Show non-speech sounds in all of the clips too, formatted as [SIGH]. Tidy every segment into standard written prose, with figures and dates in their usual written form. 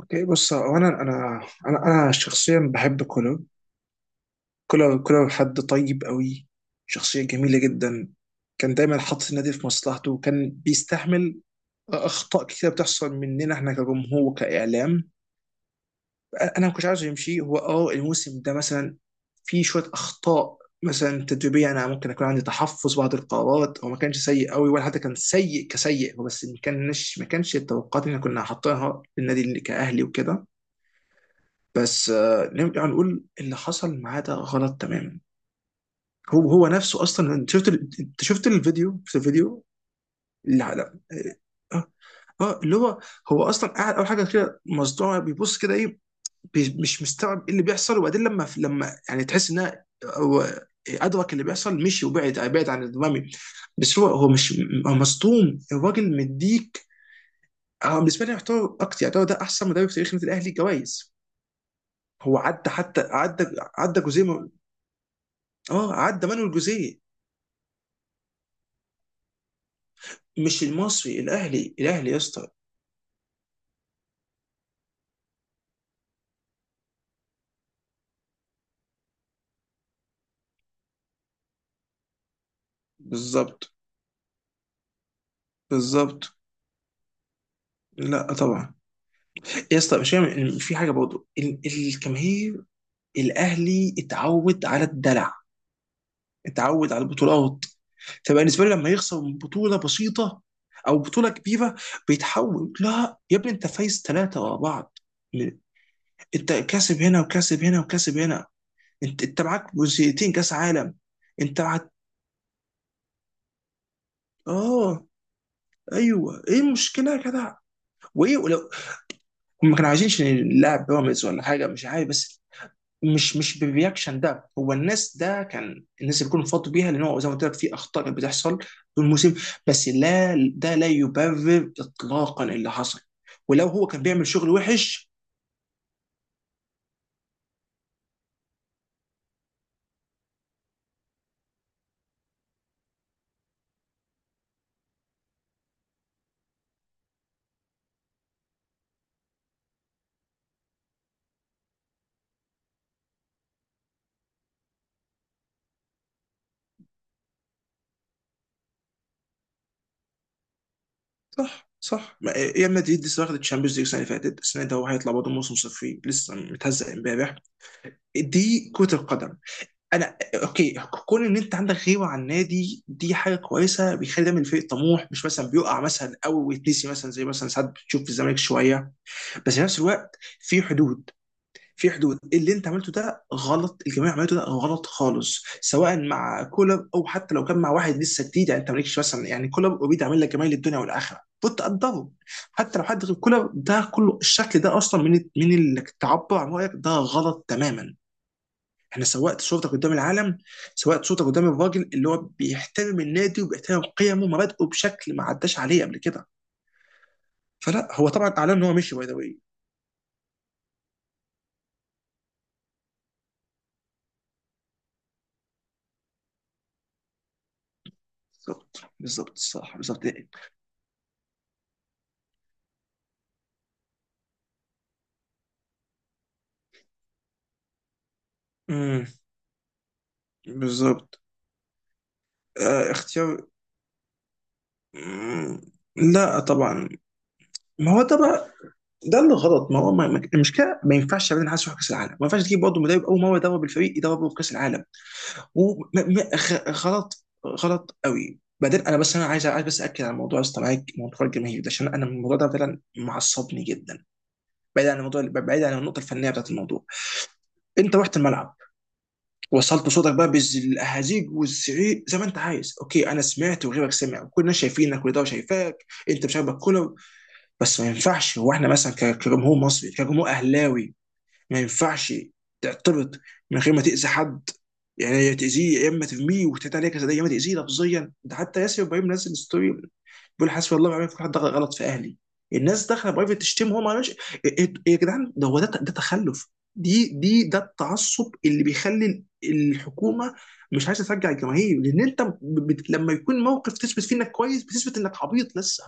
اوكي، بص. هو انا شخصيا بحب كولر حد طيب قوي، شخصيه جميله جدا. كان دايما حاطط النادي في مصلحته، وكان بيستحمل اخطاء كتير بتحصل مننا، احنا كجمهور كاعلام. انا ما كنتش عاوز يمشي هو الموسم ده مثلا. في شويه اخطاء مثلا تدريبيه، انا ممكن اكون عندي تحفظ بعض القرارات، هو ما كانش سيء قوي، ولا حتى كان سيء كسيء، هو بس ما كانش التوقعات اللي احنا كنا حاطينها للنادي، اللي كاهلي وكده. بس نرجع نقول اللي حصل معاه ده غلط تماما. هو نفسه اصلا، انت شفت انت شفت الفيديو لا لا. اه. اللي هو، هو اصلا قاعد، اول حاجه كده مصدوع، بيبص كده ايه؟ مش مستوعب ايه اللي بيحصل، وبعدين لما لما يعني تحس انها هو ادرك اللي بيحصل، مشي، وبعد عن الامامي. بس هو مش، هو مصدوم الراجل مديك. بالنسبه لي، يعتبر اكتر يعتبر ده احسن مدرب في تاريخ النادي الاهلي جوائز. هو عدى، حتى عدى جوزيه. اه عدى مانويل جوزيه. مش المصري، الاهلي، يا اسطى! بالظبط، بالظبط. لا طبعا. يا اسطى، مش فاهم في حاجه برضه. الجماهير الاهلي اتعود على الدلع، اتعود على البطولات. فبالنسبه له لما يخسر من بطوله بسيطه او بطوله كبيره، بيتحول: لا يا ابني، انت فايز 3 ورا بعض، انت كاسب هنا وكاسب هنا وكاسب هنا. انت معاك جزئيتين كاس عالم. انت هت... اه ايوه، ايه المشكله يا جدع؟ وايه ولو، ما كانوا عايزينش نلعب بيراميدز ولا حاجه، مش عارف بس. مش بالرياكشن ده. هو الناس ده، كان الناس اللي بيكونوا فاضوا بيها، لان هو زي ما قلت لك في اخطاء كانت بتحصل طول الموسم، بس لا، ده لا يبرر اطلاقا اللي حصل، ولو هو كان بيعمل شغل وحش. صح، صح. ريال مدريد لسه واخد الشامبيونز ليج السنه اللي فاتت، السنه ده هو هيطلع برضه موسم صفري، لسه متهزق امبارح. دي كره القدم. انا اوكي. كون ان انت عندك غيبه عن النادي دي حاجه كويسه، بيخلي دايما الفريق طموح، مش مثلا بيقع مثلا او ويتنسي مثلا، زي مثلا ساعات بتشوف في الزمالك شويه. بس في نفس الوقت في حدود، في حدود. اللي انت عملته ده غلط، الجميع عملته ده غلط خالص، سواء مع كولر او حتى لو كان مع واحد لسه جديد. يعني انت مالكش مثلا، يعني كولر اوريدي عامل لك جمايل الدنيا والاخره، كنت تقدره. حتى لو حد غير كولر، ده كله الشكل ده اصلا من انك تعبر عن رايك ده غلط تماما. انا سوقت صورتك قدام العالم، سوقت صورتك قدام الراجل اللي هو بيحترم النادي وبيحترم قيمه ومبادئه بشكل ما عداش عليه قبل كده. فلا، هو طبعا اعلن ان هو مشي باي ذا واي. بالظبط، بالظبط، الصح، بالظبط. امم. بالظبط. آه، اختيار. مم. لا طبعا. ما هو ده بقى، ده اللي غلط. ما هو المشكله، ما ينفعش ابدا حد يروح كاس العالم، ما ينفعش تجيب برضه مدرب اول مره يدرب الفريق، يدربه في كاس العالم. وغلط، غلط قوي. بعدين انا بس، انا عايز، بس اكد على موضوع استمعك، موضوع الجماهير ده، عشان انا الموضوع ده فعلا معصبني جدا، بعيد عن الموضوع، بعيد عن النقطه الفنيه بتاعت الموضوع. انت رحت الملعب، وصلت صوتك بقى بالاهازيج والزعيق زي ما انت عايز، اوكي، انا سمعت وغيرك سمع وكلنا شايفينك، كل ده شايفاك. انت مش عاجبك كولر، بس ما ينفعش. هو احنا مثلا كجمهور مصري، كجمهور اهلاوي، ما ينفعش تعترض من غير ما تأذي حد. يعني يا تأذيه يا اما ترميه وتتعدى عليه كذا، يا اما تأذيه لفظيا. ده حتى ياسر ابراهيم نزل ستوري بيقول حسبي الله ونعم الوكيل، حد دخل غلط في اهلي. الناس داخله برايفت تشتم. هو ما عملش إيه- إيه يا جدعان! ده هو ده تخلف. دي دي ده التعصب اللي بيخلي الحكومه مش عايزه ترجع الجماهير، لان انت لما يكون موقف تثبت فيه انك كويس، بتثبت انك عبيط لسه.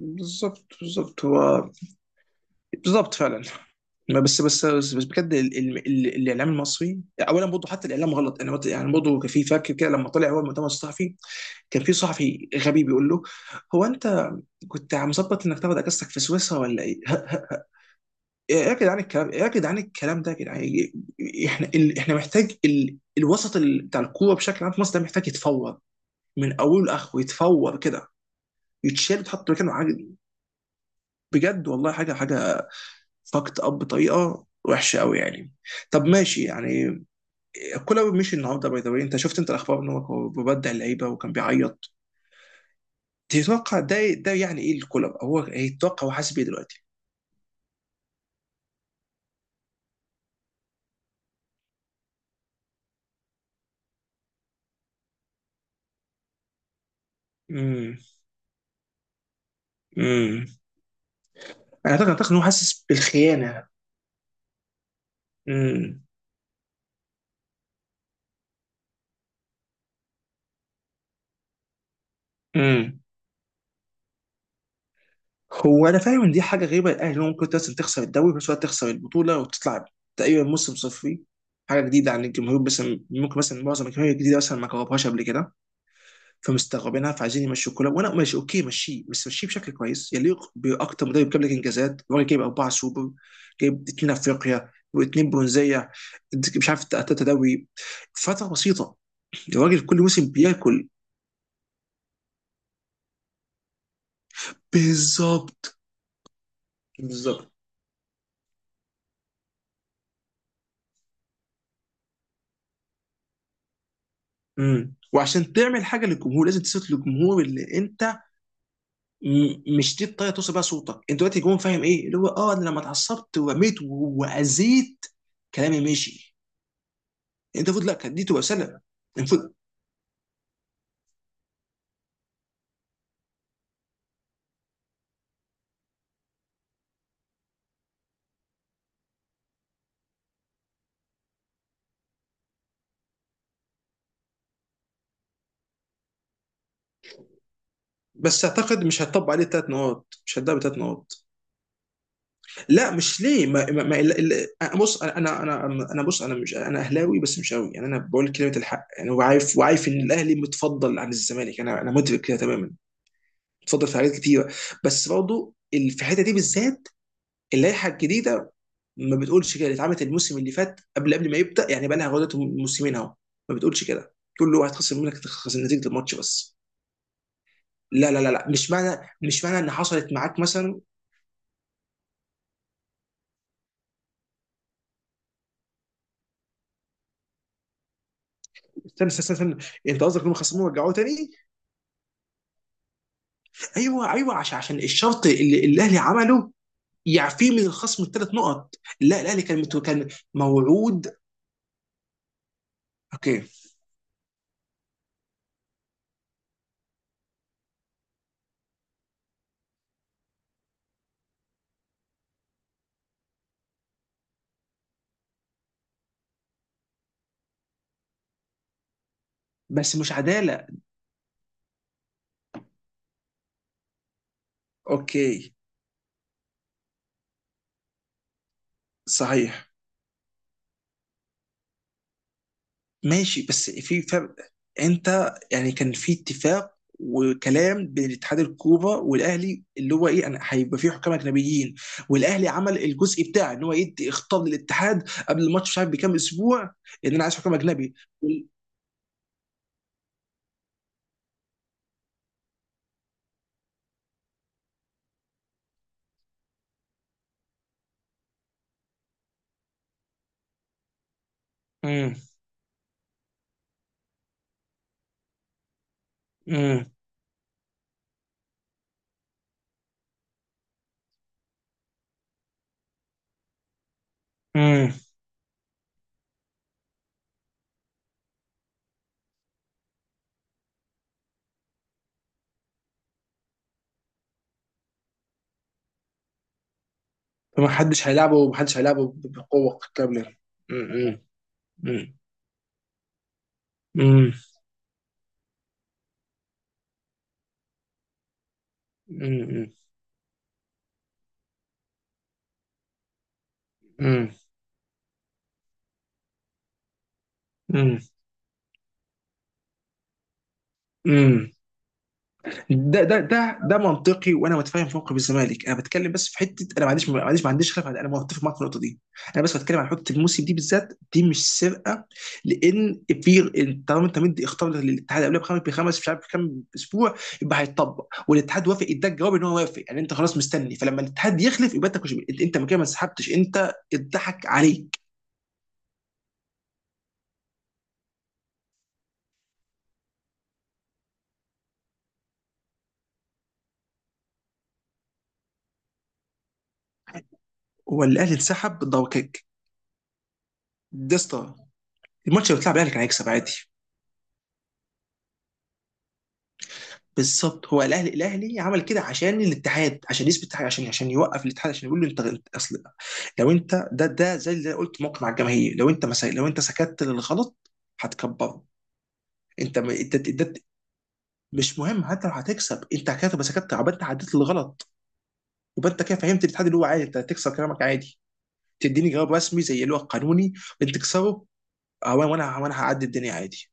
بالظبط، بالظبط، هو. بالظبط فعلا. ما بس بجد، الاعلام المصري، اولا برضه، حتى الاعلام غلط. انا يعني برضه، كان في، فاكر كده لما طلع هو المؤتمر الصحفي كان في صحفي غبي بيقول له: هو انت كنت مظبط انك تاخد اجازتك في سويسرا، ولا ايه؟ [LAUGHS] ايه يا جدعان الكلام، ايه يا جدعان الكلام ده يا جدعان! احنا محتاج الوسط بتاع الكوره بشكل عام في مصر، ده محتاج يتفور من اوله لاخره، يتفور كده، يتشال ويتحط مكانه حاجه. بجد، والله، حاجه، حاجه. فاكت اب بطريقه وحشه قوي يعني. طب ماشي يعني، كولر مشي النهارده باي ذا واي. انت شفت، انت الاخبار ان هو ببدع اللعيبه وكان بيعيط؟ تتوقع ده، يعني ايه الكولر؟ هو يتوقع، هو حاسس بيه دلوقتي؟ امم. امم. انا اعتقد ان هو حاسس بالخيانه. امم. امم. هو انا فاهم ان دي حاجه غريبه الاهلي، هو ممكن اصلا تخسر الدوري وفي نفس الوقت تخسر البطوله، وتطلع تقريبا موسم صفري، حاجه جديده عن الجمهور. بس ممكن مثلا معظم الجماهير الجديده مثلا ما جربهاش قبل كده، فمستغربينها، فعايزين يمشوا كولر. وانا ماشي، اوكي، مشيه، بس مشيه بشكل كويس يليق باكتر مدرب جاب لك انجازات. الراجل جايب 4 سوبر، جايب 2 افريقيا و2 برونزيه، مش عارف، 3 دوري فتره بسيطه. الراجل كل موسم بياكل. بالظبط، بالظبط. امم. وعشان تعمل حاجه للجمهور لازم تثبت للجمهور اللي انت. مش دي الطريقه توصل بيها صوتك. انت دلوقتي الجمهور فاهم ايه اللي هو انا لما اتعصبت ورميت واذيت، كلامي ماشي. انت المفروض، لا، كانت دي تبقى رساله. بس اعتقد مش هتطبق عليه 3 نقاط، مش هتدب 3 نقاط. لا، مش ليه. ما ما ما بص، انا انا، بص، انا، مش انا اهلاوي بس مش قوي يعني، انا بقول كلمه الحق يعني، وعارف، ان الاهلي متفضل عن الزمالك. انا مدرك كده تماما. متفضل في حاجات كتيره، بس برضه في الحته دي بالذات، اللائحه الجديده ما بتقولش كده، اللي اتعملت الموسم اللي فات قبل ما يبدا يعني، بقى لها غلطه موسمين اهو. ما بتقولش كده، تقول له هتخسر منك، تخسر نتيجه الماتش بس. لا، لا، لا، لا، مش معنى ان حصلت معاك مثلا. استنى، استنى، استنى. انت قصدك انهم خصموه ورجعوه تاني؟ ايوه، ايوه، عشان الشرط اللي الاهلي عمله يعفيه من الخصم الـ3 نقط. لا، الاهلي كان كان موعود. اوكي. بس مش عداله. اوكي. صحيح. ماشي، بس في فرق. انت يعني كان في اتفاق وكلام بين اتحاد الكوره والاهلي، اللي هو ايه، انا هيبقى في حكام اجنبيين، والاهلي عمل الجزء بتاعه، ان هو يدي اختار للاتحاد قبل الماتش، مش عارف بكام اسبوع، ان انا عايز حكام اجنبي. وال- مم. امم. امم. فما حدش هيلعبه، ما حدش هيلعبه بقوه كامله. امم. امم. امم. امم. امم. امم. امم. ده منطقي، وانا متفاهم في موقف الزمالك، انا بتكلم بس في حته. انا ما عنديش، خلاف، انا متفق معاك في النقطه دي. انا بس بتكلم عن حته الموسم دي بالذات، دي مش سرقه، لان في، طالما انت مدي اختار للاتحاد قبلها بخمس، مش عارف كام اسبوع، يبقى هيتطبق، والاتحاد وافق، اداك جواب ان هو وافق. يعني انت خلاص مستني، فلما الاتحاد يخلف يبقى انت، مش انت أنت من كده ما انسحبتش، انت اتضحك عليك. هو الاهلي انسحب ضوكك؟ ده اسطى! الماتش اللي بيتلعب الاهلي كان هيكسب عادي. بالظبط، هو الاهلي عمل كده عشان الاتحاد، عشان يثبت حاجه، عشان يوقف الاتحاد، عشان يقول له انت، اصل لو انت، ده زي اللي قلت موقف مع الجماهير. لو انت، لو انت سكت للغلط هتكبره. انت انت، مش مهم حتى لو هتكسب، انت كده تبقى سكت، يبقى انت عديت للغلط، يبقى انت كده فهمت الاتحاد اللي هو عادي انت هتكسر كلامك عادي، تديني جواب رسمي زي اللي هو القانوني انت تكسره. وانا وانا وأنا هعدي الدنيا عادي.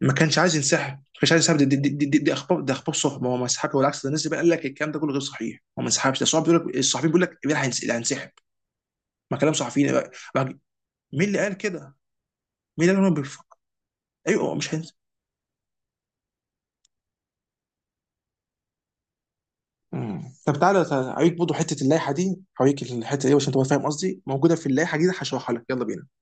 ما كانش عايز ينسحب، دي اخبار، ده اخبار صحبه، هو ما انسحبش، والعكس. ده الناس اللي بقى قال لك الكلام ده كله غير صحيح، هو ما انسحبش. ده الصحابي بيقول لك، الصحفيين بيقول لك امبارح هينسحب. ما كلام صحفيين بقى. بقى- مين اللي قال كده؟ مين اللي قال انه بيفكر؟ ايوه هو مش هينسحب. مم. طب تعالى، تعالى، هوريك برضه حته اللائحه دي، هوريك الحته دي عشان تبقى فاهم قصدي موجوده في اللائحه دي، هشرحها لك، يلا بينا.